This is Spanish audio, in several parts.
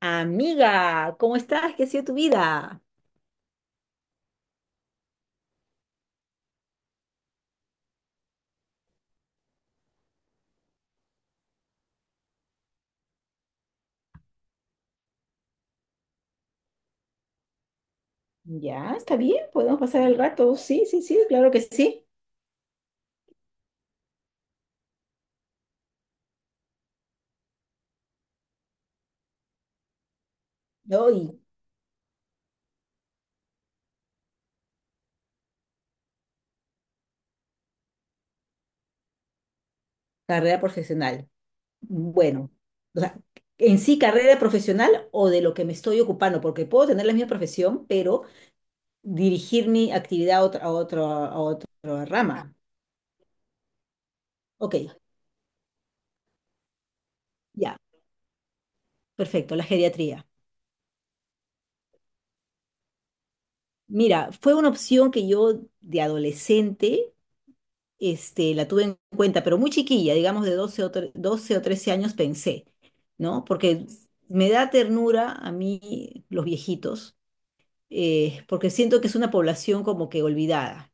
Amiga, ¿cómo estás? ¿Qué ha sido tu vida? Ya, está bien, podemos pasar el rato. Sí, sí, sí, claro que sí. Hoy, carrera profesional. Bueno, o sea, en sí, carrera profesional o de lo que me estoy ocupando, porque puedo tener la misma profesión, pero dirigir mi actividad a otra, a otra rama. Ok, ya, perfecto, la geriatría. Mira, fue una opción que yo de adolescente este, la tuve en cuenta, pero muy chiquilla, digamos de 12 o 13 años pensé, ¿no? Porque me da ternura a mí los viejitos, porque siento que es una población como que olvidada.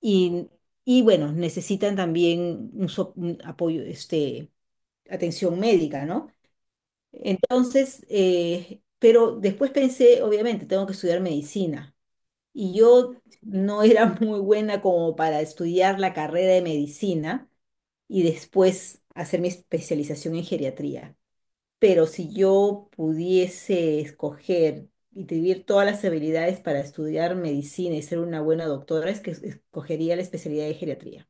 Y, y bueno, necesitan también un apoyo, atención médica, ¿no? Entonces, pero después pensé, obviamente, tengo que estudiar medicina. Y yo no era muy buena como para estudiar la carrera de medicina y después hacer mi especialización en geriatría. Pero si yo pudiese escoger y tener todas las habilidades para estudiar medicina y ser una buena doctora, es que escogería la especialidad de geriatría.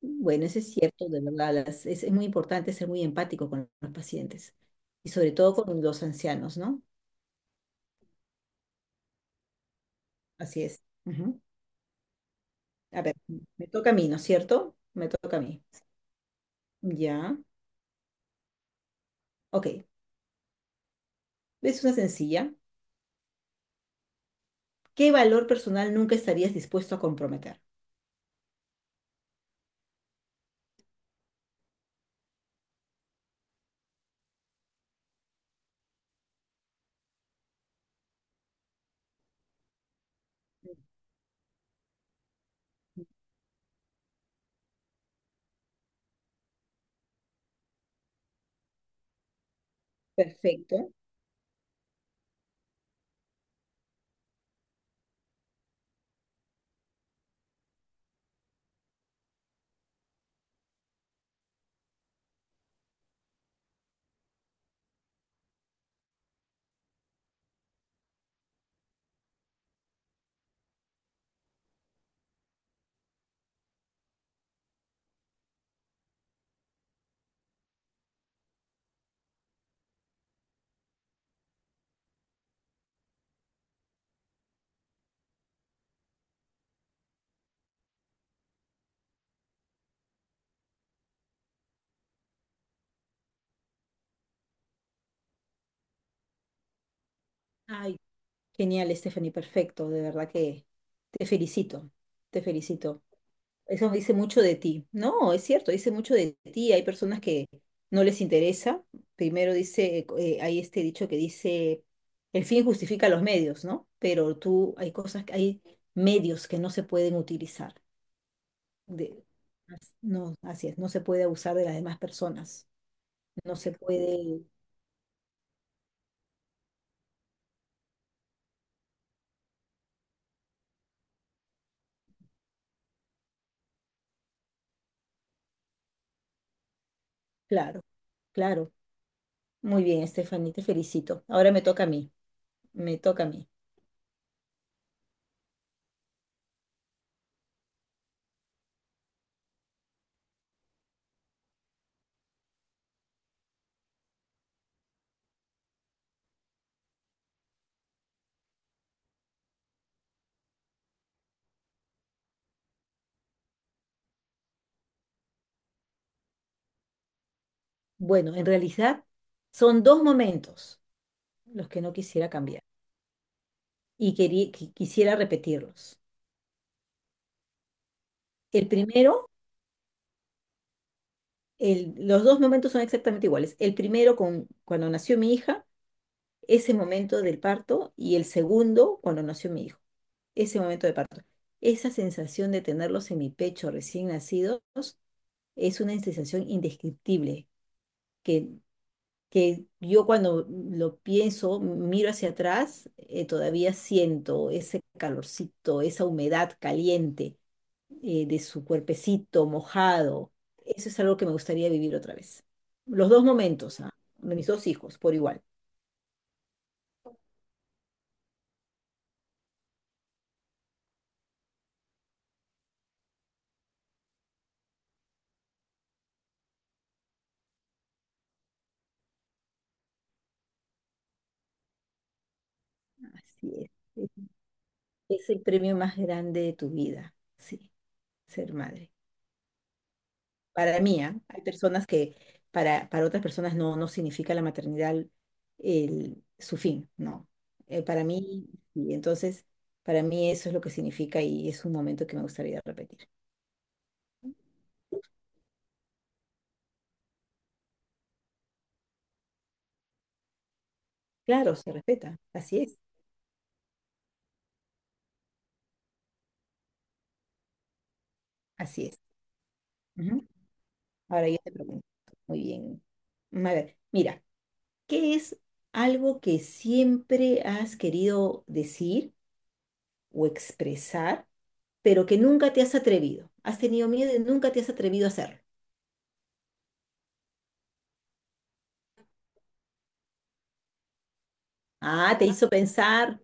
Bueno, eso es cierto, de verdad, es muy importante ser muy empático con los pacientes y sobre todo con los ancianos, ¿no? Así es. Ujú. A ver, me toca a mí, ¿no es cierto? Me toca a mí. Ya, ok. Es una sencilla. ¿Qué valor personal nunca estarías dispuesto a comprometer? Perfecto. Ay, genial, Stephanie, perfecto. De verdad que te felicito, te felicito. Eso dice mucho de ti. No, es cierto, dice mucho de ti. Hay personas que no les interesa. Primero dice, hay este dicho que dice, el fin justifica los medios, ¿no? Pero tú, hay cosas, hay medios que no se pueden utilizar. De, no, así es, no se puede abusar de las demás personas. No se puede, claro, claro. Muy bien, Stephanie, te felicito. Ahora me toca a mí. Me toca a mí. Bueno, en realidad son dos momentos los que no quisiera cambiar y quisiera repetirlos. El primero, los dos momentos son exactamente iguales. El primero con, cuando nació mi hija, ese momento del parto, y el segundo cuando nació mi hijo, ese momento de parto. Esa sensación de tenerlos en mi pecho recién nacidos es una sensación indescriptible que que yo cuando lo pienso, miro hacia atrás, todavía siento ese calorcito, esa humedad caliente de su cuerpecito mojado. Eso es algo que me gustaría vivir otra vez. Los dos momentos, ah, de mis dos hijos, por igual. Así es. Es es el premio más grande de tu vida, sí, ser madre. Para mí, ¿ah? Hay personas que para otras personas no, no significa la maternidad su fin, no. Para mí, y entonces, para mí eso es lo que significa y es un momento que me gustaría repetir. Claro, se respeta, así es, así es. Ujú. Ahora yo te pregunto, muy bien. A ver, mira, ¿qué es algo que siempre has querido decir o expresar, pero que nunca te has atrevido? Has tenido miedo y nunca te has atrevido a hacerlo. Ah, te hizo pensar.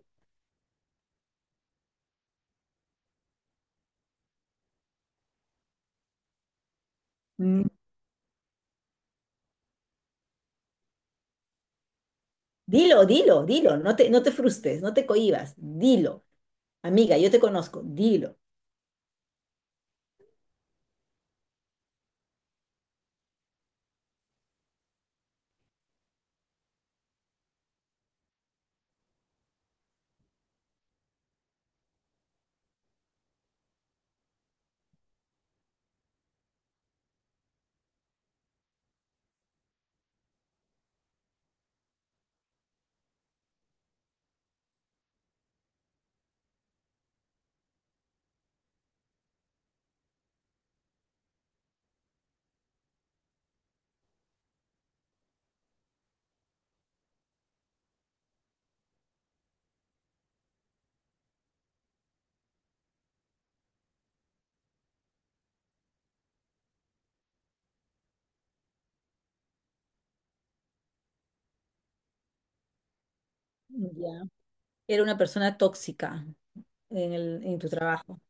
Mm, Dilo, dilo, dilo. No te frustres, no te cohibas. Dilo. Amiga, yo te conozco. Dilo. Ya. Era una persona tóxica en tu trabajo.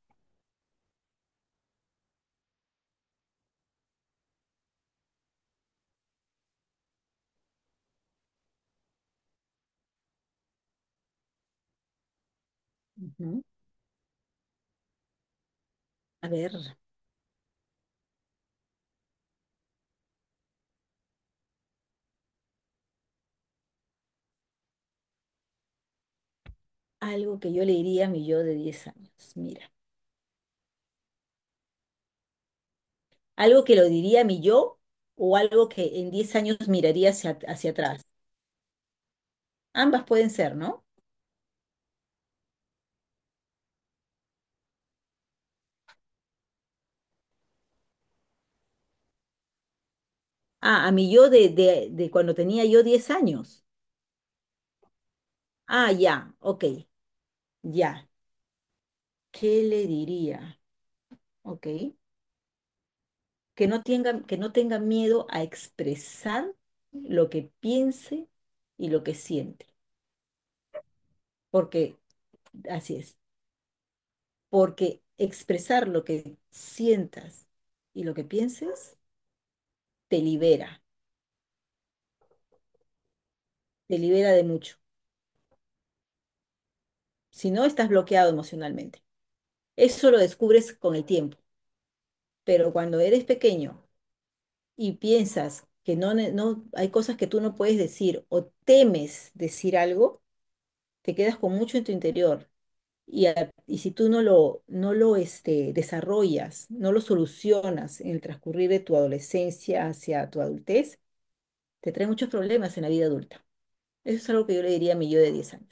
Ujú. A ver, algo que yo le diría a mi yo de 10 años. Mira, algo que lo diría a mi yo o algo que en 10 años miraría hacia, hacia atrás. Ambas pueden ser, ¿no? Ah, a mi yo de cuando tenía yo 10 años. Ah, ya, ok, ya. ¿Qué le diría? ¿Ok? Que no tenga miedo a expresar lo que piense y lo que siente. Porque, así es, porque expresar lo que sientas y lo que pienses te libera, te libera de mucho. Si no, estás bloqueado emocionalmente. Eso lo descubres con el tiempo, pero cuando eres pequeño y piensas que no, no hay cosas que tú no puedes decir o temes decir algo, te quedas con mucho en tu interior. Y, y si tú no lo desarrollas, no lo solucionas en el transcurrir de tu adolescencia hacia tu adultez, te trae muchos problemas en la vida adulta. Eso es algo que yo le diría a mi yo de diez años.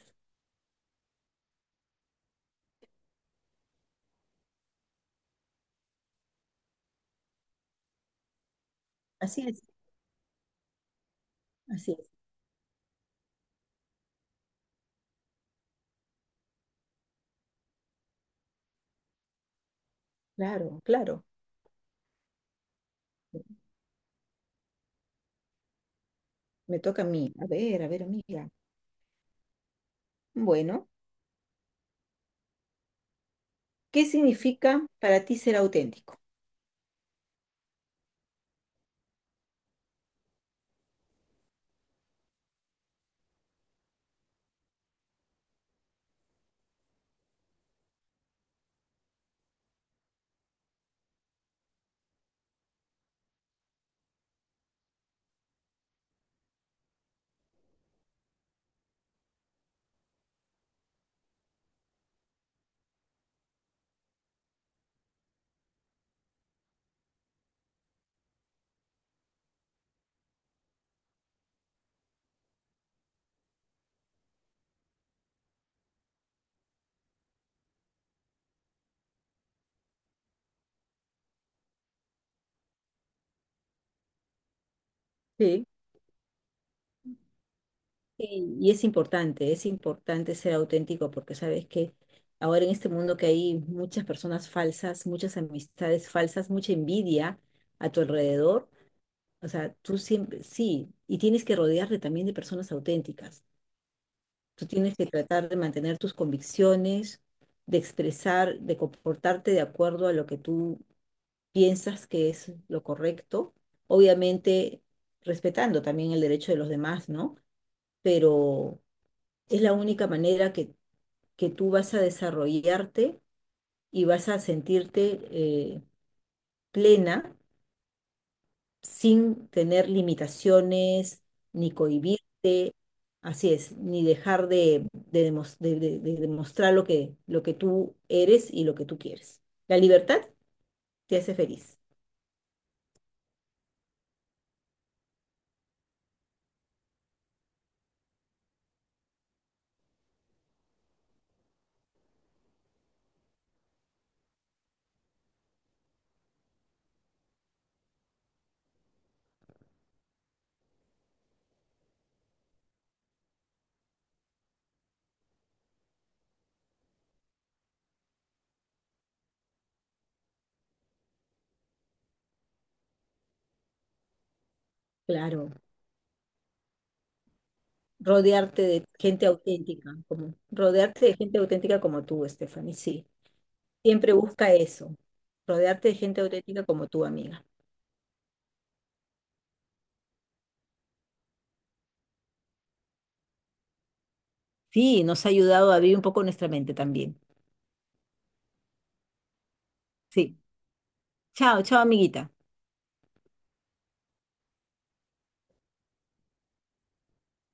Así es, así es. Claro, claro. Me toca a mí. A ver, amiga. Bueno, ¿qué significa para ti ser auténtico? Sí. Sí, y es importante ser auténtico porque sabes que ahora en este mundo que hay muchas personas falsas, muchas amistades falsas, mucha envidia a tu alrededor, o sea, tú siempre, sí, y tienes que rodearte también de personas auténticas. Tú tienes que tratar de mantener tus convicciones, de expresar, de comportarte de acuerdo a lo que tú piensas que es lo correcto, obviamente respetando también el derecho de los demás, ¿no? Pero es la única manera que tú vas a desarrollarte y vas a sentirte plena sin tener limitaciones, ni cohibirte, así es, ni dejar de demostrar lo que tú eres y lo que tú quieres. La libertad te hace feliz, claro. Rodearte de gente auténtica, como, rodearte de gente auténtica como tú, Stephanie, sí. Siempre busca eso, rodearte de gente auténtica como tú, amiga. Sí, nos ha ayudado a abrir un poco nuestra mente también. Sí. Chao, chao, amiguita.